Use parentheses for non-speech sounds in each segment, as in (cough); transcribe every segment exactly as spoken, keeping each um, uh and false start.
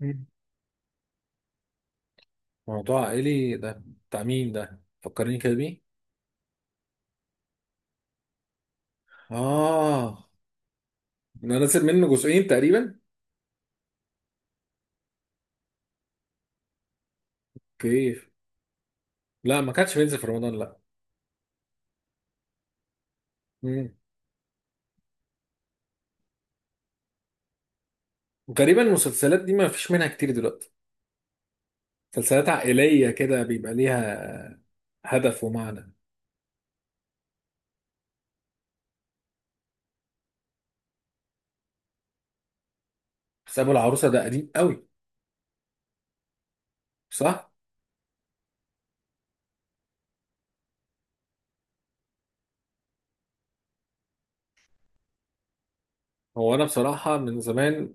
مم. موضوع عائلي ده، بتاع مين ده؟ فكرني كده بيه. اه. انا نازل منه جزئين تقريبا. كيف؟ لا، ما كانش بينزل في رمضان، لا. مم. غالبا المسلسلات دي ما فيش منها كتير دلوقتي، مسلسلات عائلية كده بيبقى ليها هدف ومعنى. بس ابو العروسة ده قديم قوي. صح. هو انا بصراحة من زمان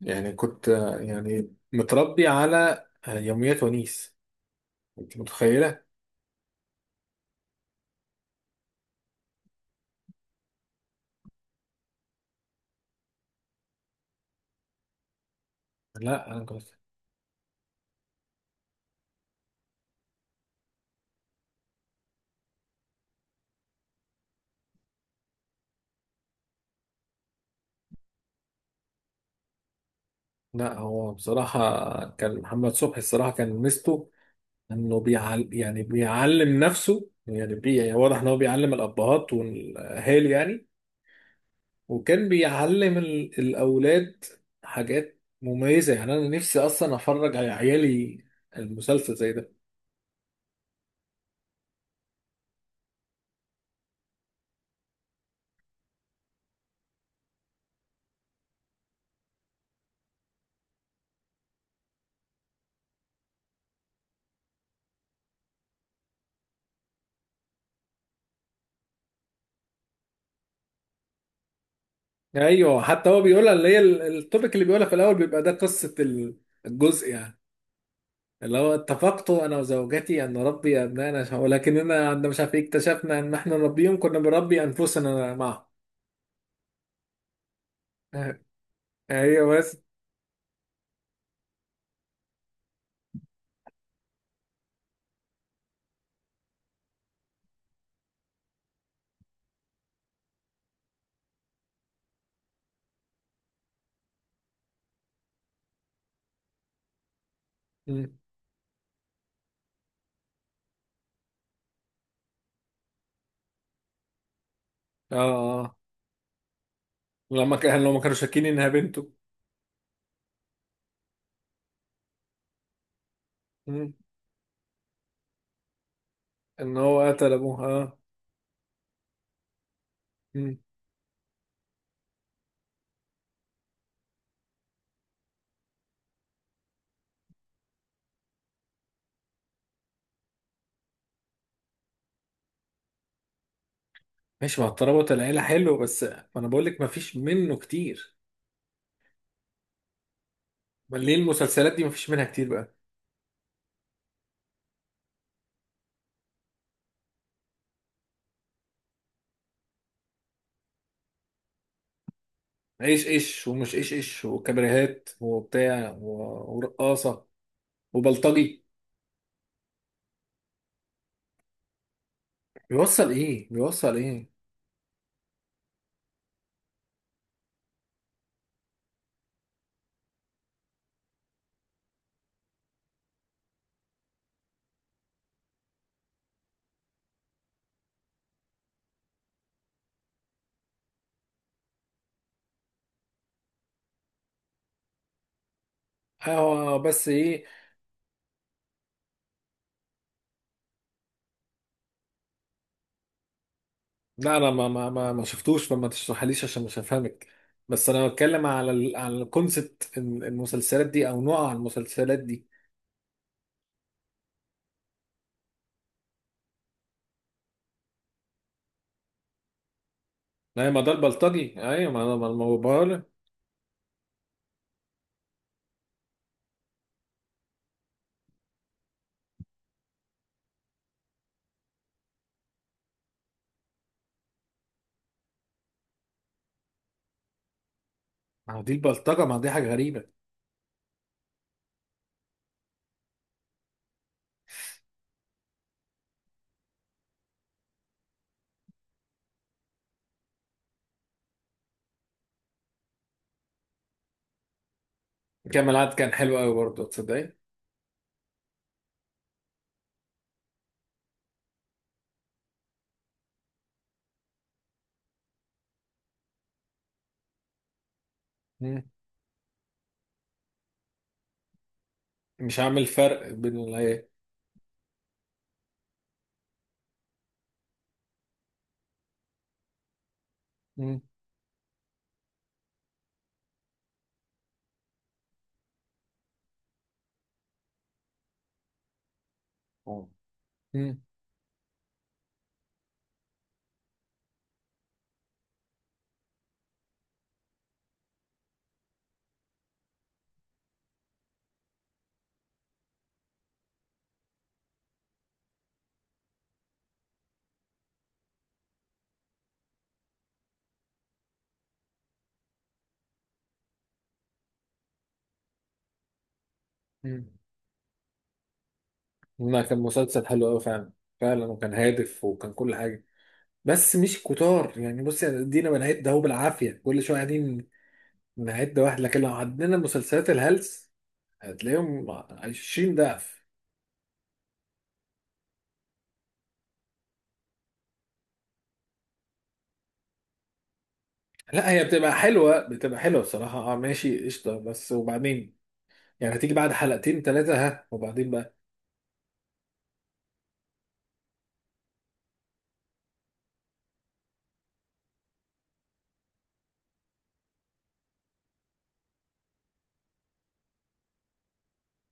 يعني كنت آه، يعني متربي على آه، يوميات ونيس. انت متخيلة؟ لا انا كنت لا، هو بصراحة كان محمد صبحي، الصراحة كان ميزته انه بيعل يعني بيعلم نفسه، يعني بي يعني واضح ان هو بيعلم الابهات والاهالي يعني. وكان بيعلم ال- الاولاد حاجات مميزة، يعني انا نفسي اصلا افرج على عيالي المسلسل زي ده. ايوه، حتى هو بيقولها، اللي هي ال- التوبيك اللي بيقولها في الاول بيبقى ده قصة ال- الجزء يعني، اللي هو اتفقت انا وزوجتي ان نربي ابنائنا، ولكننا عندما مش عارف إيه اكتشفنا ان احنا نربيهم كنا بنربي انفسنا معهم. (laughs) ايوه بس. مم. اه، اه. لما كان لما كانوا شاكين انها بنته. مم. ان هو قتل ابوها، اه. مم. ماشي، مع الترابط العيله حلو، بس ما انا بقول لك ما فيش منه كتير. ما ليه المسلسلات دي ما فيش منها كتير بقى؟ ايش ايش ومش ايش ايش وكابريهات وبتاع و- ورقاصه وبلطجي. بيوصل ايه؟ بيوصل ايه؟ اه بس ايه. لا، انا ما ما ما ما شفتوش، فما تشرحليش عشان مش هفهمك. بس انا بتكلم على ال على الكونسبت المسلسلات دي او نوع المسلسلات دي. لا، ما ده البلطجي، ايوه، ما انا ما ما بقول. ما هو دي البلطجه، ما دي حاجه غريبه. كامل العدد كان حلو قوي برضه، تصدقي؟ مم. مش عامل فرق بين ال. مم. مم. مم. لا، كان مسلسل حلو قوي فعلا، فعلا، وكان هادف وكان كل حاجه. بس مش كتار يعني، بصي، يعني ادينا بنهاية ده هو بالعافيه كل شويه قاعدين نعد واحد، لكن لو عدينا مسلسلات الهلس هتلاقيهم عشرين ضعف. لا، هي بتبقى حلوة، بتبقى حلوة بصراحة، اه ماشي، قشطة، بس وبعدين يعني هتيجي بعد حلقتين ثلاثة، ها، وبعدين بقى.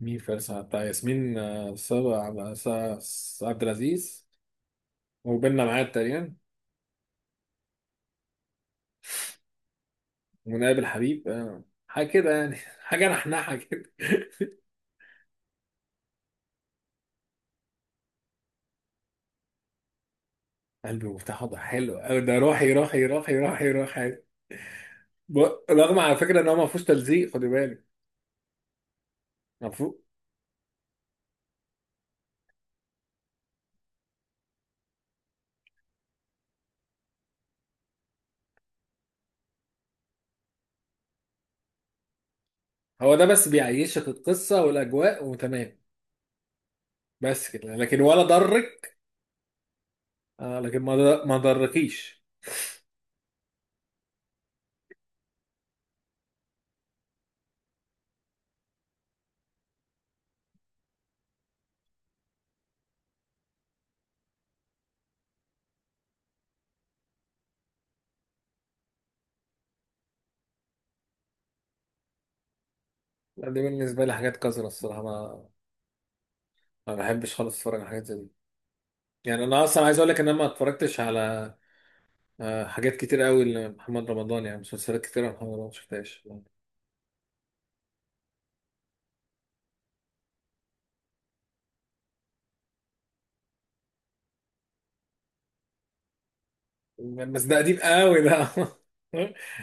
مين؟ فارسة بتاع ياسمين، آه، صبا على صا- صا- عبد العزيز. وبيننا معاد تقريبا. ونقابل حبيب، آه، حاجة كده يعني، (laughs) حاجة نحنحة كده. (laughs) قلبي مفتاح، وضع حلو أوي ده، روحي روحي روحي روحي روحي. ب- رغم على فكرة إن هو ما فيهوش تلزيق، خدي بالك. هو ده بس بيعيشك القصة والأجواء وتمام، بس كده، لكن ولا ضرك. آه، لكن ما ضر- ما ضركيش. لا، دي بالنسبة لي حاجات قذرة الصراحة، ما ما بحبش خالص أتفرج على حاجات زي دي. يعني أنا أصلا عايز أقول لك إن أنا ما اتفرجتش على آه حاجات كتير قوي لمحمد رمضان، يعني مسلسلات كتير محمد رمضان ما شفتهاش. بس ده قديم قوي ده. (laughs)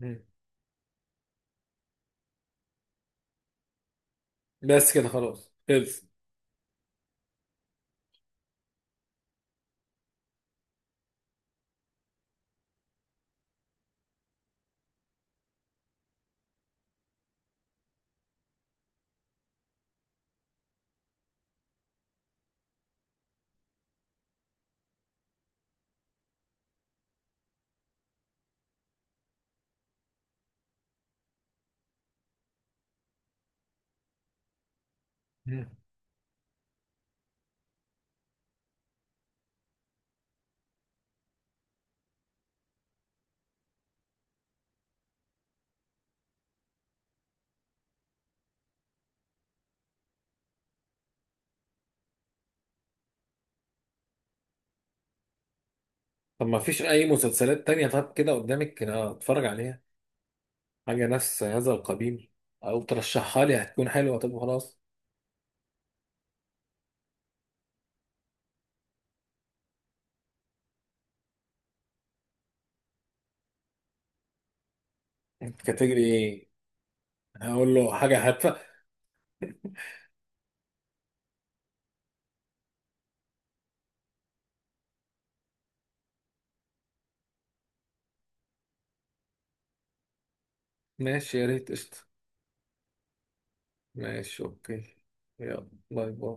مم. بس كده، خلاص، خلص. مم. طب ما فيش أي مسلسلات تانية؟ طب كده قدامك كده أتفرج عليها حاجة نفس هذا القبيل، أو ترشحها لي هتكون حلوة؟ طب خلاص. أنت كاتجري إيه؟ هقول له حاجة هادفة. ماشي، يا ريت، قشطة. ماشي، أوكي. يلا، باي باي.